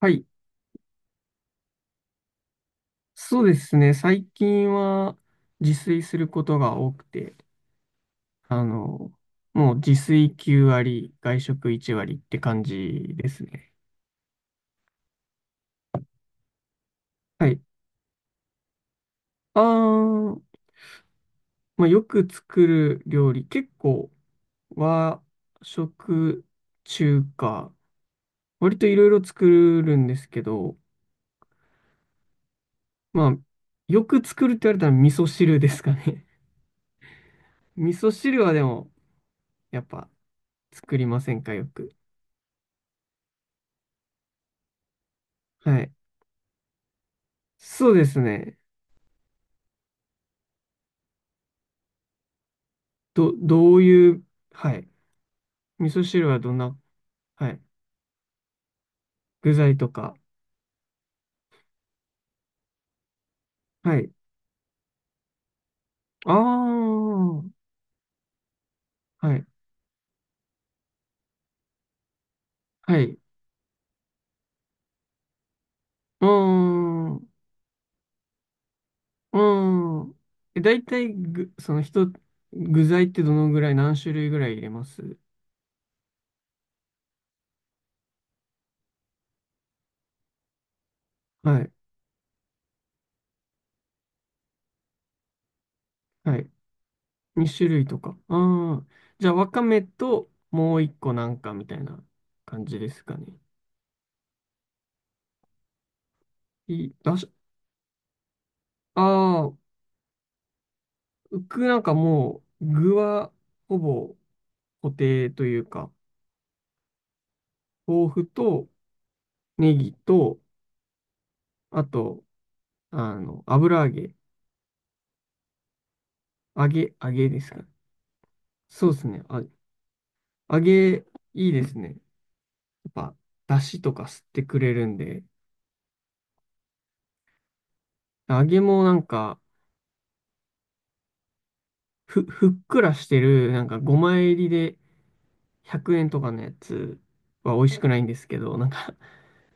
はい。そうですね。最近は自炊することが多くて、あの、もう自炊9割、外食1割って感じですね。はい。あー、まあ、よく作る料理、結構和食、中華、割といろいろ作るんですけど、まあ、よく作るって言われたら味噌汁ですかね。味噌汁はでも、やっぱ作りませんか、よく。はい。そうですね。どういう、はい。味噌汁はどんな、はい。具材とか。はい。ああ、はい。はい。うーん、うーん。大体ぐ、その人、具材ってどのぐらい、何種類ぐらい入れます？はい。はい。2種類とか。ああ。じゃあ、わかめと、もう一個なんかみたいな感じですかね。い、だし、ああ、僕なんかもう、具は、ほぼ固定というか、豆腐と、ネギと、あと、油揚げ。揚げですかね。そうですね。あ、揚げ、いいですね。やっぱ、だしとか吸ってくれるんで。揚げもなんか、ふっくらしてる、なんか5枚入りで100円とかのやつは美味しくないんですけど、なんか、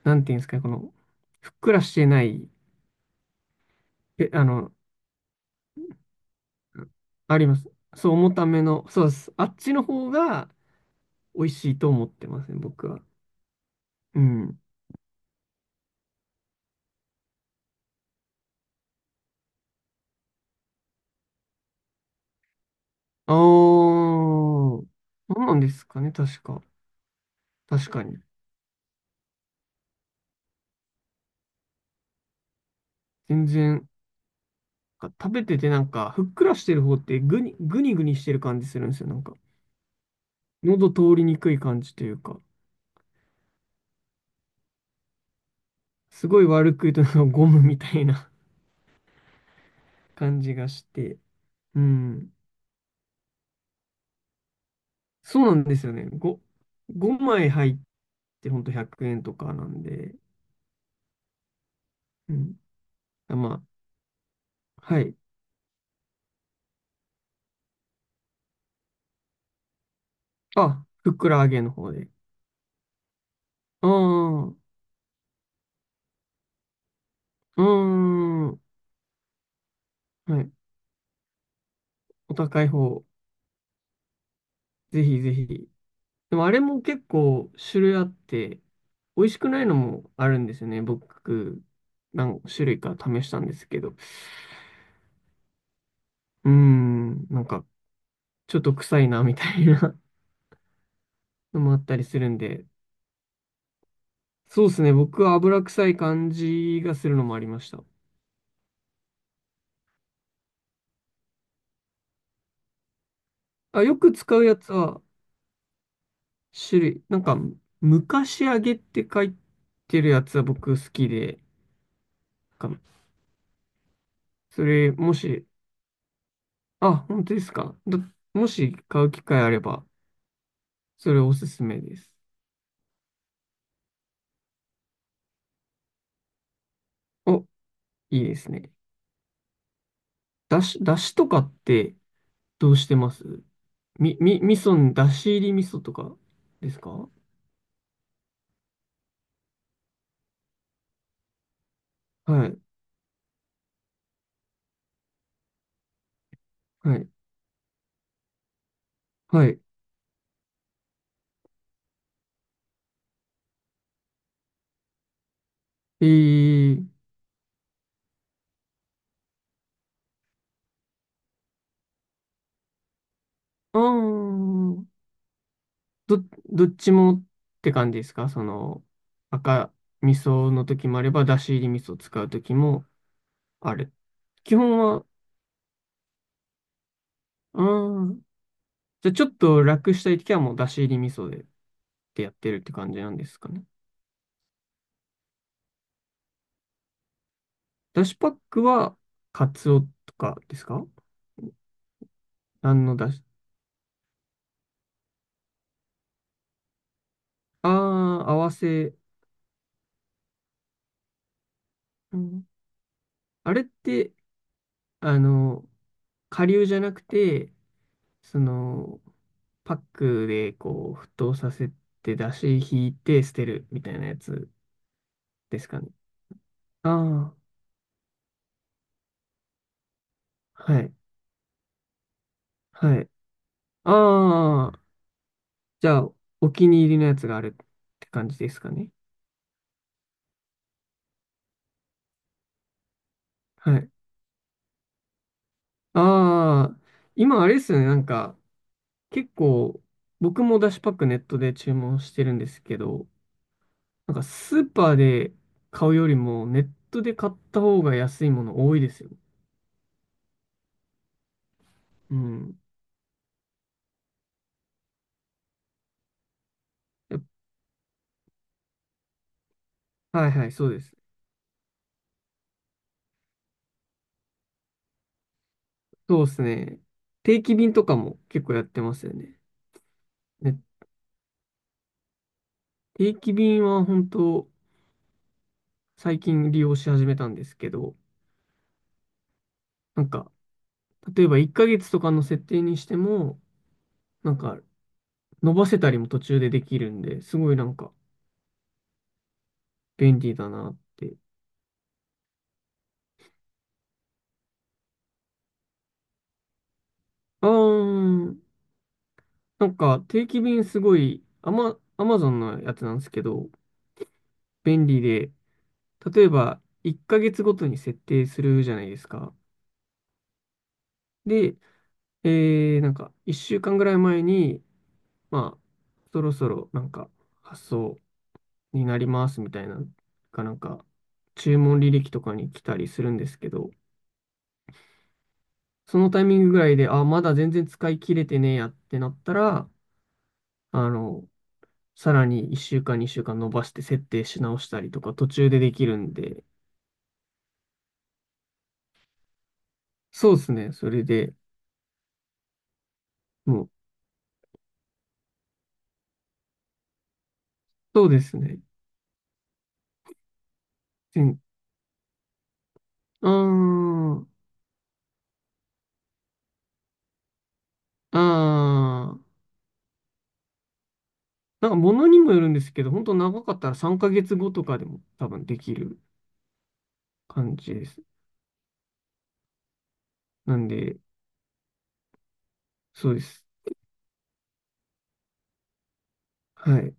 なんていうんですかね、この、ふっくらしてない、え、あの、あります。そう、重ための、そうです。あっちの方が美味しいと思ってますね、僕は。うん。ああ、そうなんですかね、確か。確かに。全然、なんか食べててなんか、ふっくらしてる方ってぐにぐにしてる感じするんですよ。なんか、喉通りにくい感じというか、すごい悪く言うとなんかゴムみたいな 感じがして。うん。そうなんですよね。5枚入ってほんと100円とかなんで。うん。あまはい。あ、ふっくら揚げの方で。ああ、うーん。はい。お高い方、ぜひぜひ。でもあれも結構種類あって、美味しくないのもあるんですよね。僕、何種類か試したんですけど。うーん、なんか、ちょっと臭いな、みたいな のもあったりするんで。そうですね。僕は油臭い感じがするのもありました。あ、よく使うやつは、種類、なんか、昔揚げって書いてるやつは僕好きで、なんかそれ、もし、あ、本当ですか。だもし買う機会あれば、それおすすめです。おいいですね。だしとかってどうしてます？味噌の、だし入り味噌とかですか？はい、はい、はい。えー、あー、ど、どっちもって感じですか？その、赤味噌の時もあれば、だし入り味噌を使う時もある。基本は、あー、じゃあちょっと楽したい時はもうだし入り味噌でってやってるって感じなんですかね。だしパックは、カツオとかですか？何のだし？ああ、合わせ。うん、あれって、あの、顆粒じゃなくて、その、パックでこう、沸騰させて、出汁引いて捨てるみたいなやつですかね。ああ、はい、はい。ああ、じゃあ、お気に入りのやつがあるって感じですかね。はい。ああ、今あれですよね、なんか、結構、僕も出汁パックネットで注文してるんですけど、なんかスーパーで買うよりもネットで買った方が安いもの多いですよ。うん。やっはい、はい、そうです。そうですね。定期便とかも結構やってますよね。ね、定期便は本当最近利用し始めたんですけど、なんか例えば1ヶ月とかの設定にしても、なんか伸ばせたりも途中でできるんで、すごいなんか便利だなって。あー、なんか定期便すごい、アマゾンのやつなんですけど、便利で、例えば1ヶ月ごとに設定するじゃないですか。で、なんか1週間ぐらい前に、まあ、そろそろなんか発送になりますみたいな、かなんか注文履歴とかに来たりするんですけど、そのタイミングぐらいで、あ、まだ全然使い切れてねえやってなったら、あの、さらに1週間、2週間伸ばして設定し直したりとか途中でできるんで、そうですね。それで、もう、そうですね。うーん、うーん。なんか物にもよるんですけど、本当長かったら3ヶ月後とかでも多分できる感じです。なんで、そうです。はい。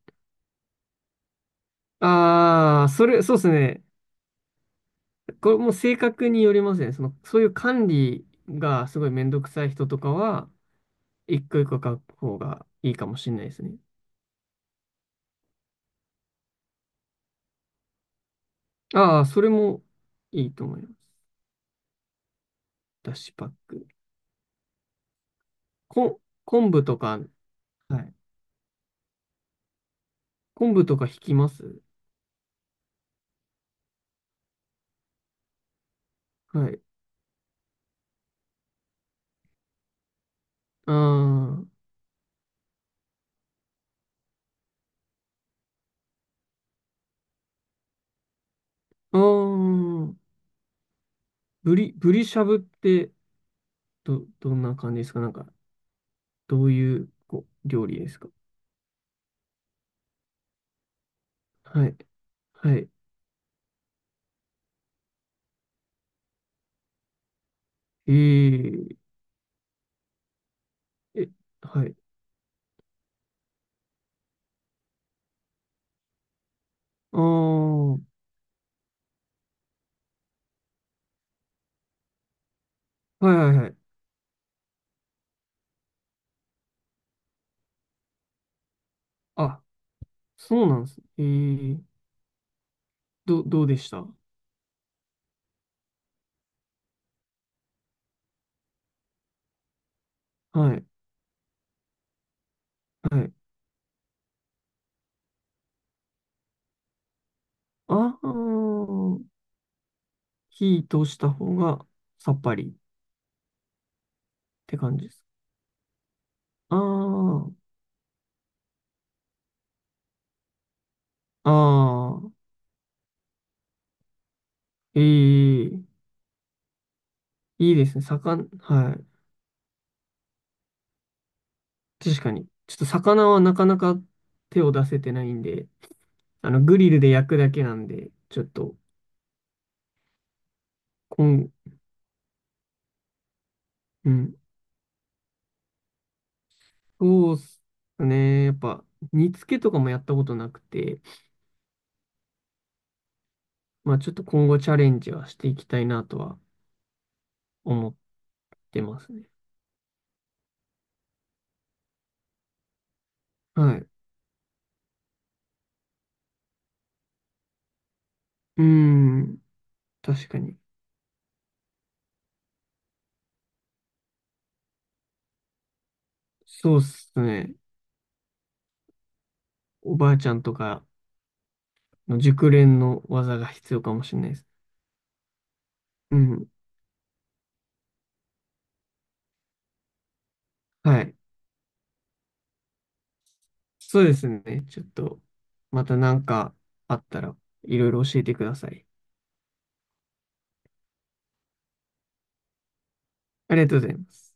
ああ、それ、そうですね。これも性格によりますね。その、そういう管理がすごいめんどくさい人とかは、一個一個書く方がいいかもしれないですね。ああ、それもいいと思います。ダッシュパック。こ、昆布とか、はい。昆布とか引きます？はい。ああ。ああ、ブリしゃぶってどんな感じですか？なんか、どういう、こう、料理ですか？はい。はい。えー、え、はい。ああ、はい、はい、はい。あ、そうなんですね。どうでした？はい。はい。ああ、火通した方がさっぱりって感じです。ああ、ああ、ええ、いいですね。魚、はい。確かに。ちょっと魚はなかなか手を出せてないんで、グリルで焼くだけなんで、ちょっと、こん、うん。そうっすね。やっぱ、煮付けとかもやったことなくて、まあちょっと今後チャレンジはしていきたいなとは思ってますね。はい。うーん。確かに。そうっすね。おばあちゃんとかの熟練の技が必要かもしれないです。うん。はい。そうですね。ちょっと、またなんかあったらいろいろ教えてください。ありがとうございます。